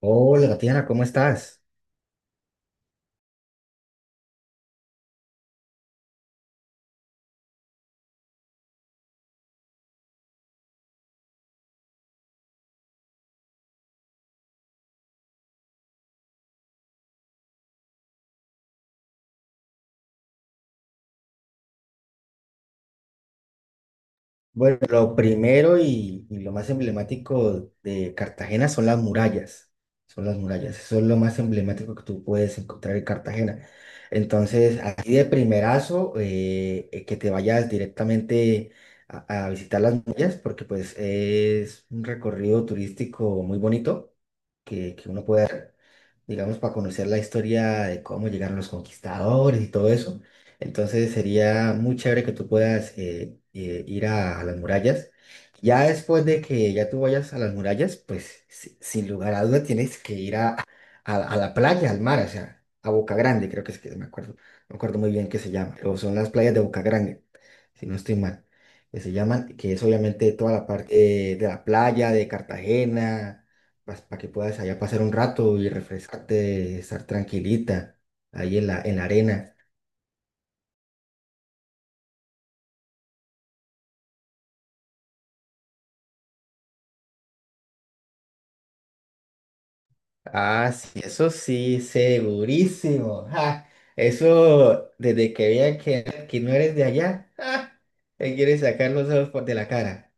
Hola, Tatiana, ¿cómo estás? Bueno, lo primero y lo más emblemático de Cartagena son las murallas. Son las murallas. Eso es lo más emblemático que tú puedes encontrar en Cartagena. Entonces, así de primerazo, que te vayas directamente a visitar las murallas, porque pues es un recorrido turístico muy bonito que uno puede hacer, digamos, para conocer la historia de cómo llegaron los conquistadores y todo eso. Entonces sería muy chévere que tú puedas ir a las murallas. Ya después de que ya tú vayas a las murallas, pues sin lugar a duda tienes que ir a la playa, al mar, o sea, a Boca Grande, creo que es que me acuerdo muy bien que se llama, o son las playas de Boca Grande, si no estoy mal, que se llaman, que es obviamente toda la parte de la playa, de Cartagena, para que puedas allá pasar un rato y refrescarte, estar tranquilita ahí en la arena. Ah, sí, eso sí, segurísimo. Ja, eso, desde que vean que no eres de allá, ja, te quieres sacar los ojos por de la cara.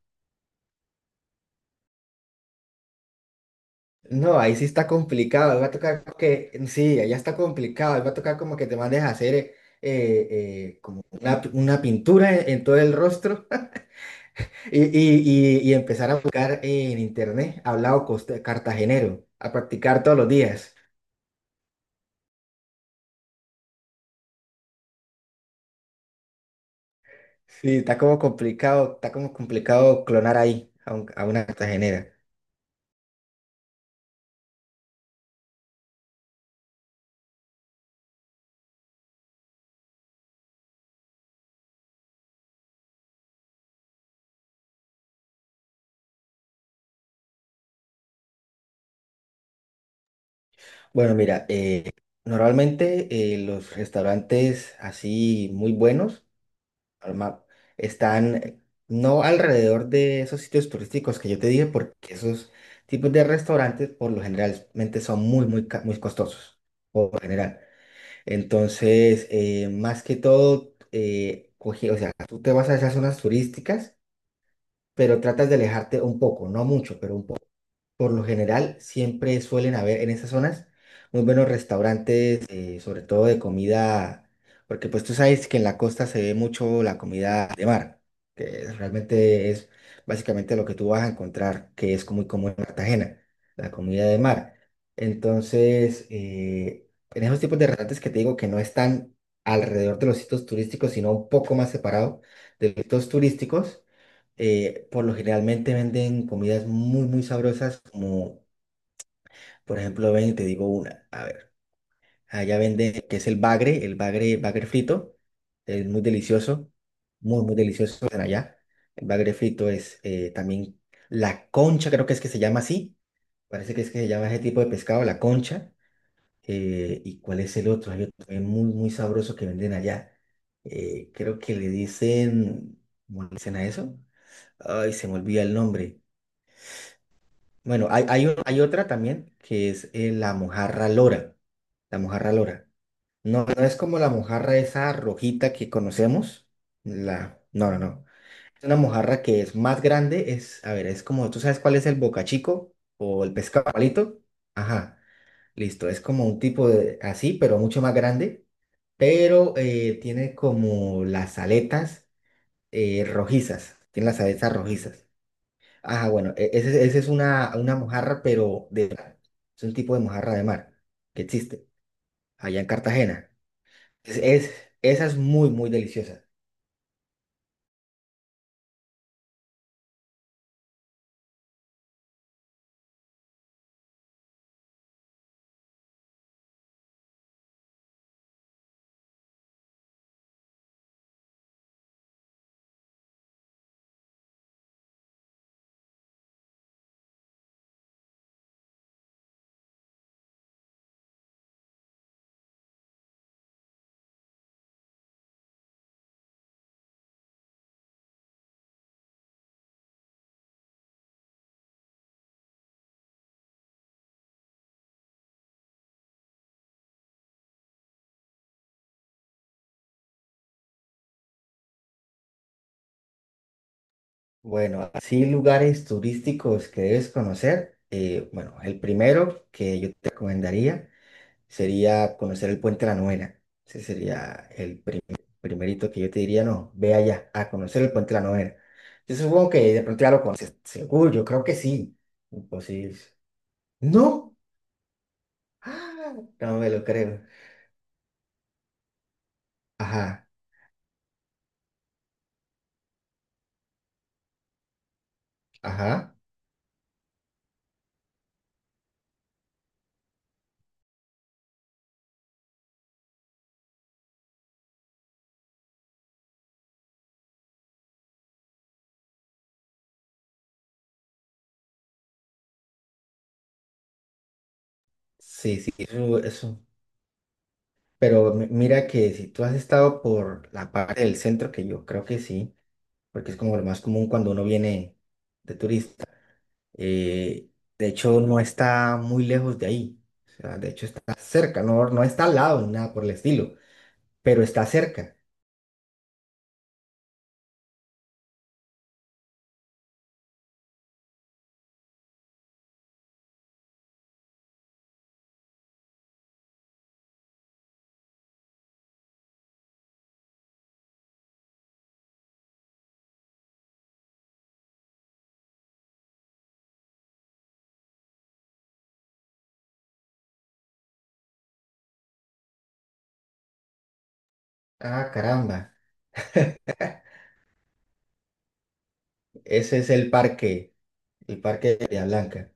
No, ahí sí está complicado. Ahí va a tocar que, sí, allá está complicado. Ahí va a tocar como que te mandes a hacer como una pintura en todo el rostro y empezar a buscar en internet hablado cartagenero, a practicar todos los días. Sí, está como complicado clonar ahí a una cartagenera. Bueno, mira, normalmente los restaurantes así muy buenos arma- están no alrededor de esos sitios turísticos que yo te dije, porque esos tipos de restaurantes por lo generalmente son muy, muy, muy costosos, por lo general. Entonces, más que todo, o sea, tú te vas a esas zonas turísticas, pero tratas de alejarte un poco, no mucho, pero un poco. Por lo general, siempre suelen haber en esas zonas muy buenos restaurantes, sobre todo de comida, porque pues tú sabes que en la costa se ve mucho la comida de mar, que realmente es básicamente lo que tú vas a encontrar, que es muy común en Cartagena, la comida de mar. Entonces, en esos tipos de restaurantes que te digo que no están alrededor de los sitios turísticos, sino un poco más separado de los sitios turísticos, por lo generalmente venden comidas muy, muy sabrosas, como por ejemplo, ven y te digo una, a ver, allá venden, que es el bagre, bagre frito, es muy delicioso, muy, muy delicioso están allá. El bagre frito es también la concha, creo que es que se llama así, parece que es que se llama ese tipo de pescado, la concha. ¿Y cuál es el otro? Hay otro también muy, muy sabroso que venden allá. Creo que le dicen, ¿cómo le dicen a eso? Ay, se me olvida el nombre. Bueno, hay otra también que es la mojarra lora. La mojarra lora. No, no es como la mojarra esa rojita que conocemos. La... No, no, no. Es una mojarra que es más grande. Es, a ver, es como, ¿tú sabes cuál es el bocachico o el pescado palito? Ajá, listo. Es como un tipo de así, pero mucho más grande. Pero tiene como las aletas rojizas. Tiene las aletas rojizas. Ah, bueno, ese es una mojarra, pero de mar. Es un tipo de mojarra de mar que existe allá en Cartagena. Es, es- esa es muy, muy deliciosa. Bueno, así lugares turísticos que debes conocer. Eh, bueno, el primero que yo te recomendaría sería conocer el Puente de la Novena. Ese sería el primerito que yo te diría, no, ve allá a conocer el Puente de la Novena. Yo supongo que de pronto ya lo conoces. Seguro, yo creo que sí. Pues sí. No. Ah, no me lo creo. Ajá, ajá. Sí, sí, eso, eso. Pero mira que si tú has estado por la parte del centro, que yo creo que sí, porque es como lo más común cuando uno viene de turista. Eh, de hecho, no está muy lejos de ahí. O sea, de hecho está cerca, no, no está al lado ni nada por el estilo, pero está cerca. Ah, caramba. Ese es el parque de Bahía Blanca.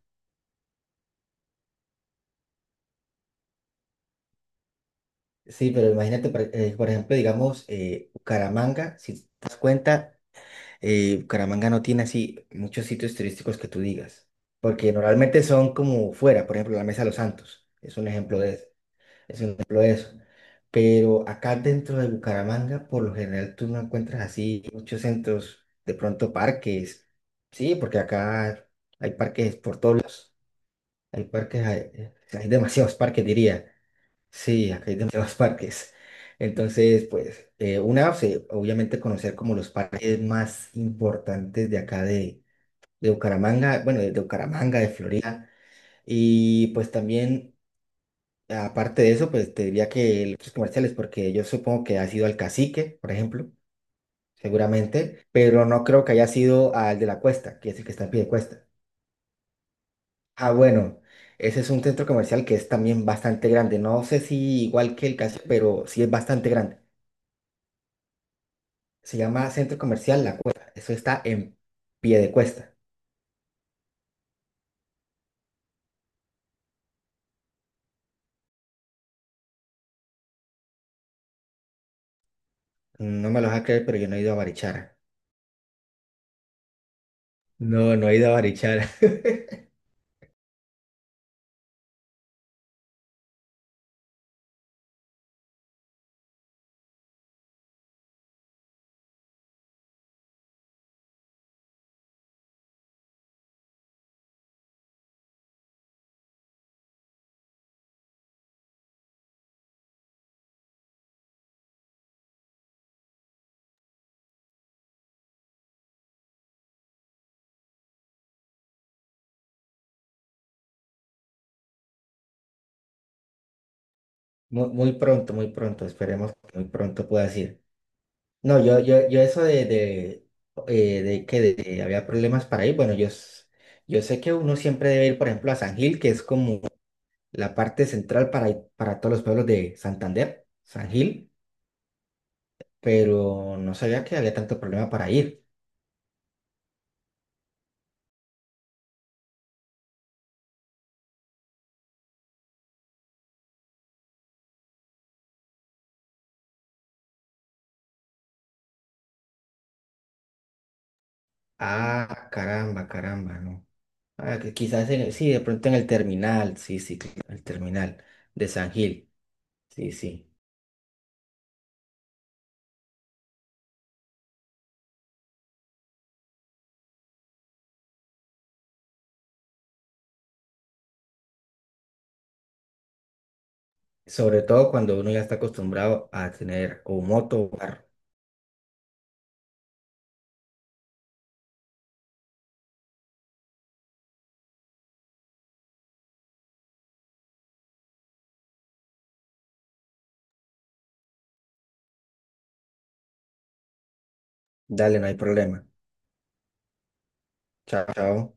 Sí, pero imagínate, por ejemplo, digamos, Bucaramanga, si te das cuenta, Bucaramanga no tiene así muchos sitios turísticos que tú digas, porque normalmente son como fuera, por ejemplo, la Mesa de los Santos, es un ejemplo de eso, es un ejemplo de eso. Pero acá dentro de Bucaramanga, por lo general, tú no encuentras así muchos centros, de pronto parques, sí, porque acá hay parques por todos lados, hay parques, hay demasiados parques, diría. Sí, acá hay demasiados parques. Entonces, pues, una, sí, obviamente conocer como los parques más importantes de acá de Bucaramanga, bueno, de Bucaramanga, de Florida. Y pues también, aparte de eso, pues te diría que los comerciales, porque yo supongo que ha sido al Cacique, por ejemplo, seguramente, pero no creo que haya sido al de la Cuesta, que es el que está en pie de cuesta. Ah, bueno, ese es un centro comercial que es también bastante grande. No sé si igual que el Cacique, pero sí es bastante grande. Se llama Centro Comercial La Cueva. Eso está en pie de cuesta. No me lo vas a creer, pero yo no he ido a Barichara. No, no he ido a Barichara. Muy, pronto, muy pronto. Esperemos que muy pronto pueda ir. No, yo eso de, de que de había problemas para ir. Bueno, yo sé que uno siempre debe ir, por ejemplo, a San Gil, que es como la parte central para, para todos los pueblos de Santander, San Gil, pero no sabía que había tanto problema para ir. Ah, caramba, caramba, ¿no? Ah, que quizás en sí, de pronto en el terminal, sí, sí, el terminal de San Gil, sí, sí. Sobre todo cuando uno ya está acostumbrado a tener o moto o carro. Dale, no hay problema. Chao, chao.